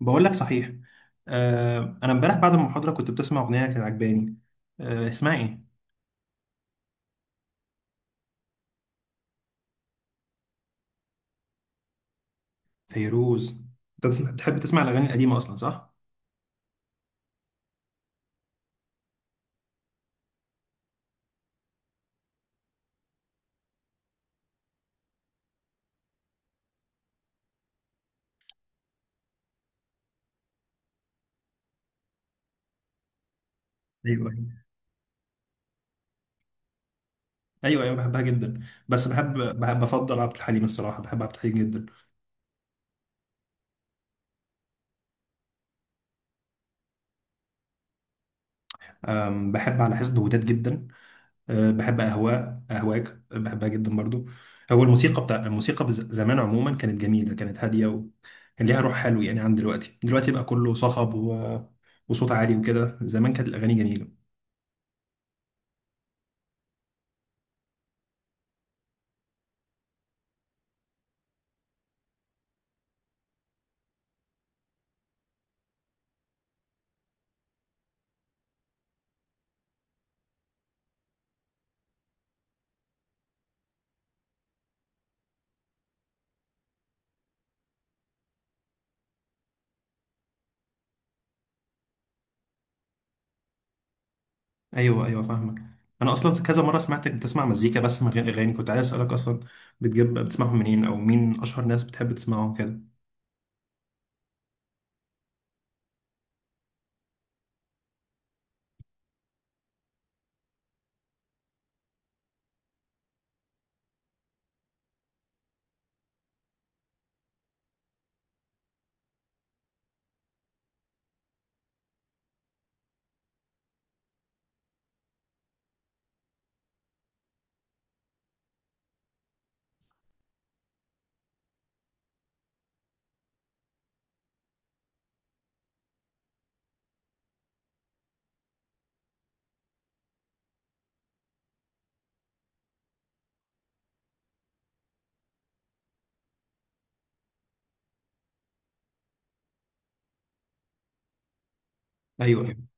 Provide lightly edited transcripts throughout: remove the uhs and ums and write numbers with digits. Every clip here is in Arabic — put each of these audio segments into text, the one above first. بقول لك صحيح. انا امبارح بعد المحاضره كنت بتسمع اغنيه كانت عجباني. اسمها ايه؟ فيروز. انت بتحب تسمع الاغاني القديمه اصلا، صح؟ ايوه، ايوه. ايوه، أيوة، بحبها جدا. بس بحب، بفضل عبد الحليم، الصراحه بحب عبد الحليم جدا. بحب على حسب وداد جدا. بحب اهواء اهواك بحبها جدا برضو. هو الموسيقى بتاع الموسيقى زمان عموما كانت جميله، كانت هاديه وكان ليها روح حلو يعني، عن دلوقتي. دلوقتي بقى كله صخب وصوت عالي وكده. زمان كانت الاغاني جميله. ايوه، ايوه، فاهمك. انا اصلا كذا مره سمعتك بتسمع مزيكا بس من غير اغاني، كنت عايز اسالك اصلا بتجيب بتسمعهم منين، او مين اشهر ناس بتحب تسمعهم كده؟ ايوه أيوة.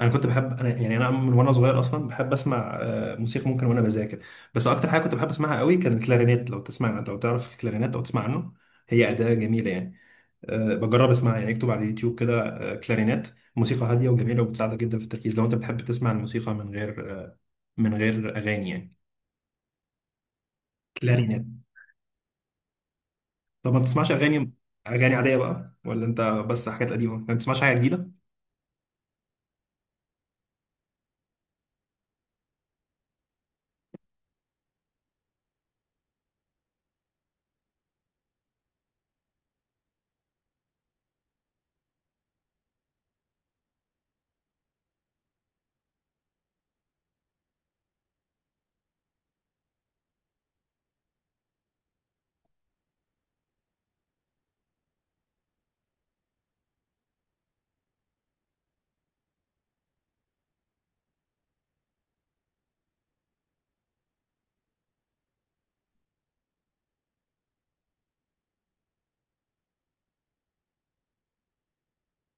انا كنت بحب، انا يعني انا من وانا صغير اصلا بحب اسمع، موسيقى، ممكن وانا بذاكر. بس اكتر حاجه كنت بحب اسمعها قوي كان الكلارينيت، لو تسمع، لو تعرف الكلارينيت او تسمع عنه. هي اداه جميله يعني. أه بجرب اسمعها، يعني اكتب على اليوتيوب كده أه كلارينيت، موسيقى هاديه وجميله وبتساعدك جدا في التركيز، لو انت بتحب تسمع الموسيقى من غير من غير اغاني يعني. كلارينيت. طب ما بتسمعش اغاني، اغاني عاديه بقى، ولا انت بس حاجات قديمه ما بتسمعش حاجه جديده؟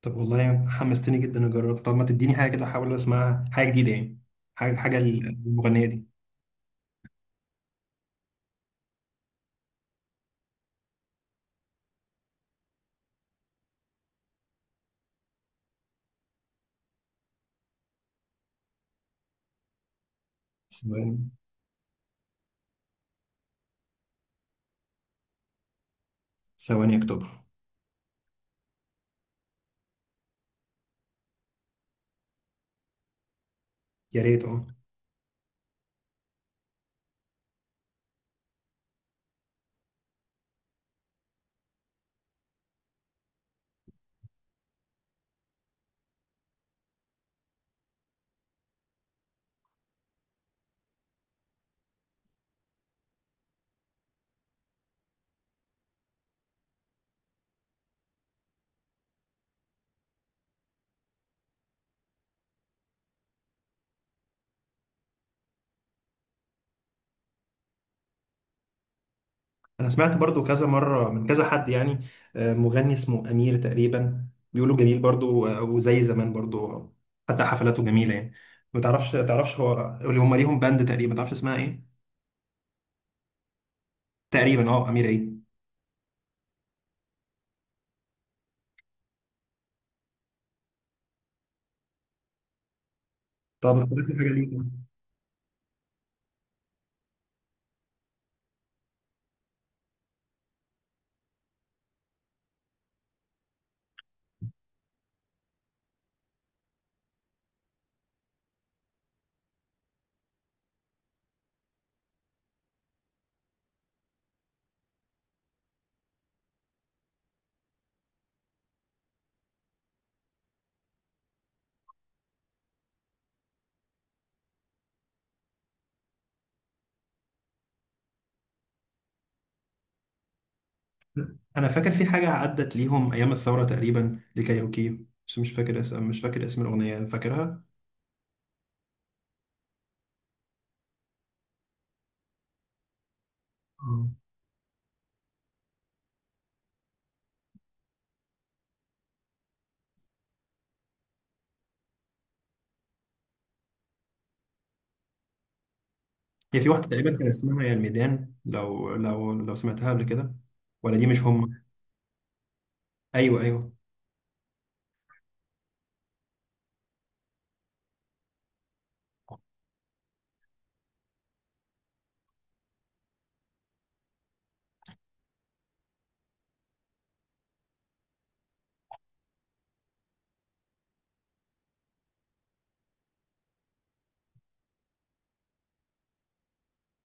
طب والله حمستني جدا اجرب. طب ما تديني حاجه كده احاول اسمعها، حاجه جديده يعني. حاجه، حاجه المغنيه دي. ثواني، ثواني اكتبها. يا ريت اه. انا سمعت برضو كذا مره من كذا حد يعني، مغني اسمه امير تقريبا. بيقولوا جميل برضو، وزي زمان برضو، حتى حفلاته جميله يعني. ما تعرفش، تعرفش هو اللي هم ليهم باند تقريبا، ما تعرفش اسمها ايه؟ تقريبا اه، امير ايه؟ طب اقترح لي حاجه ليك. انا فاكر في حاجه عدت ليهم ايام الثوره تقريبا لكايروكي، بس مش فاكر اسم، مش فاكر اسم الاغنيه، فاكرها. آه. هي في واحده تقريبا كان اسمها يا الميدان، لو لو سمعتها قبل كده، ولا دي مش هم؟ ايوه ايوه،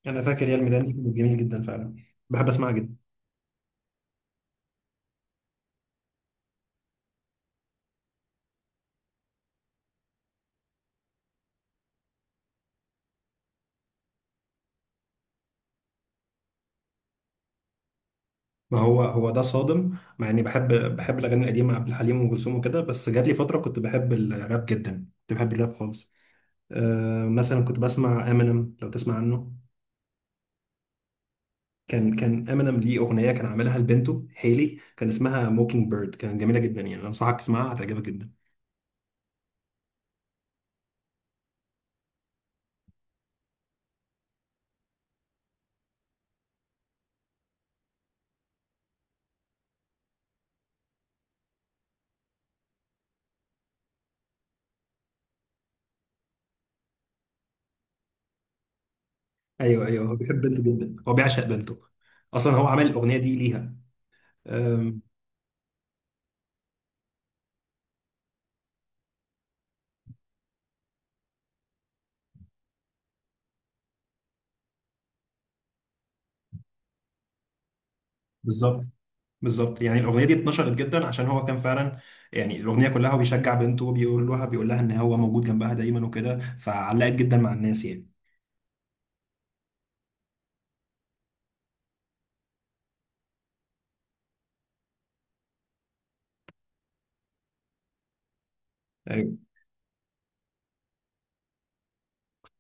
انا فاكر يا الميدان دي كانت جميل جدا فعلا، بحب اسمعها جدا. ما هو هو ده صادم، مع اني بحب، بحب الاغاني القديمه، عبد الحليم وام كلثوم وكده، بس جات لي فتره كنت بحب الراب جدا، كنت بحب الراب خالص. أه مثلا كنت بسمع امينيم، لو تسمع عنه. كان امينيم ليه اغنيه كان عاملها لبنته هيلي، كان اسمها موكينج بيرد، كانت جميله جدا يعني، انصحك تسمعها هتعجبك جدا. ايوه ايوه، هو بيحب بنته جدا، هو بيعشق بنته، اصلا هو عمل الاغنيه دي ليها. أم، بالظبط، بالظبط. يعني الاغنيه دي اتنشرت جدا عشان هو كان فعلا، يعني الاغنيه كلها هو بيشجع بنته، بيقول لها، بيقول لها ان هو موجود جنبها دايما وكده، فعلقت جدا مع الناس يعني. ايوه.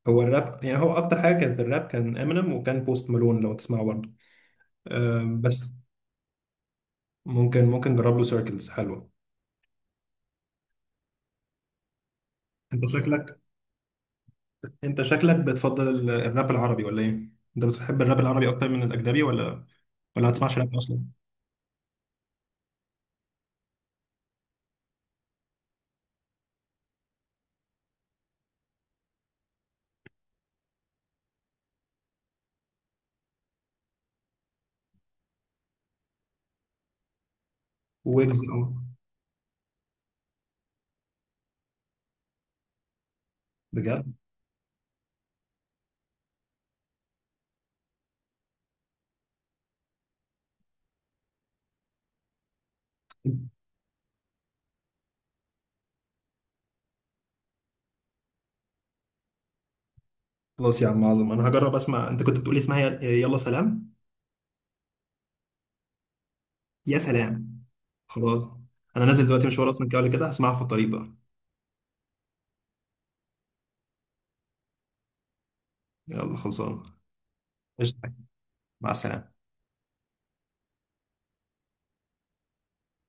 هو الراب، يعني هو اكتر حاجه كانت الراب، كان امينيم وكان بوست مالون لو تسمعه برضه. بس ممكن، ممكن جرب له سيركلز، حلوه. انت شكلك، انت شكلك بتفضل الراب العربي ولا ايه؟ انت بتحب الراب العربي اكتر من الاجنبي، ولا ولا ما تسمعش راب اصلا؟ ويجز اه. بجد. خلاص يا عم عظم، انا هجرب اسمع. انت كنت بتقولي اسمها يلا سلام، يا سلام. خلاص. انا نازل دلوقتي مشوار اصلا، كده ولا كده هسمعها في الطريق بقى. يلا، خلصان. قشطة. مع السلامة.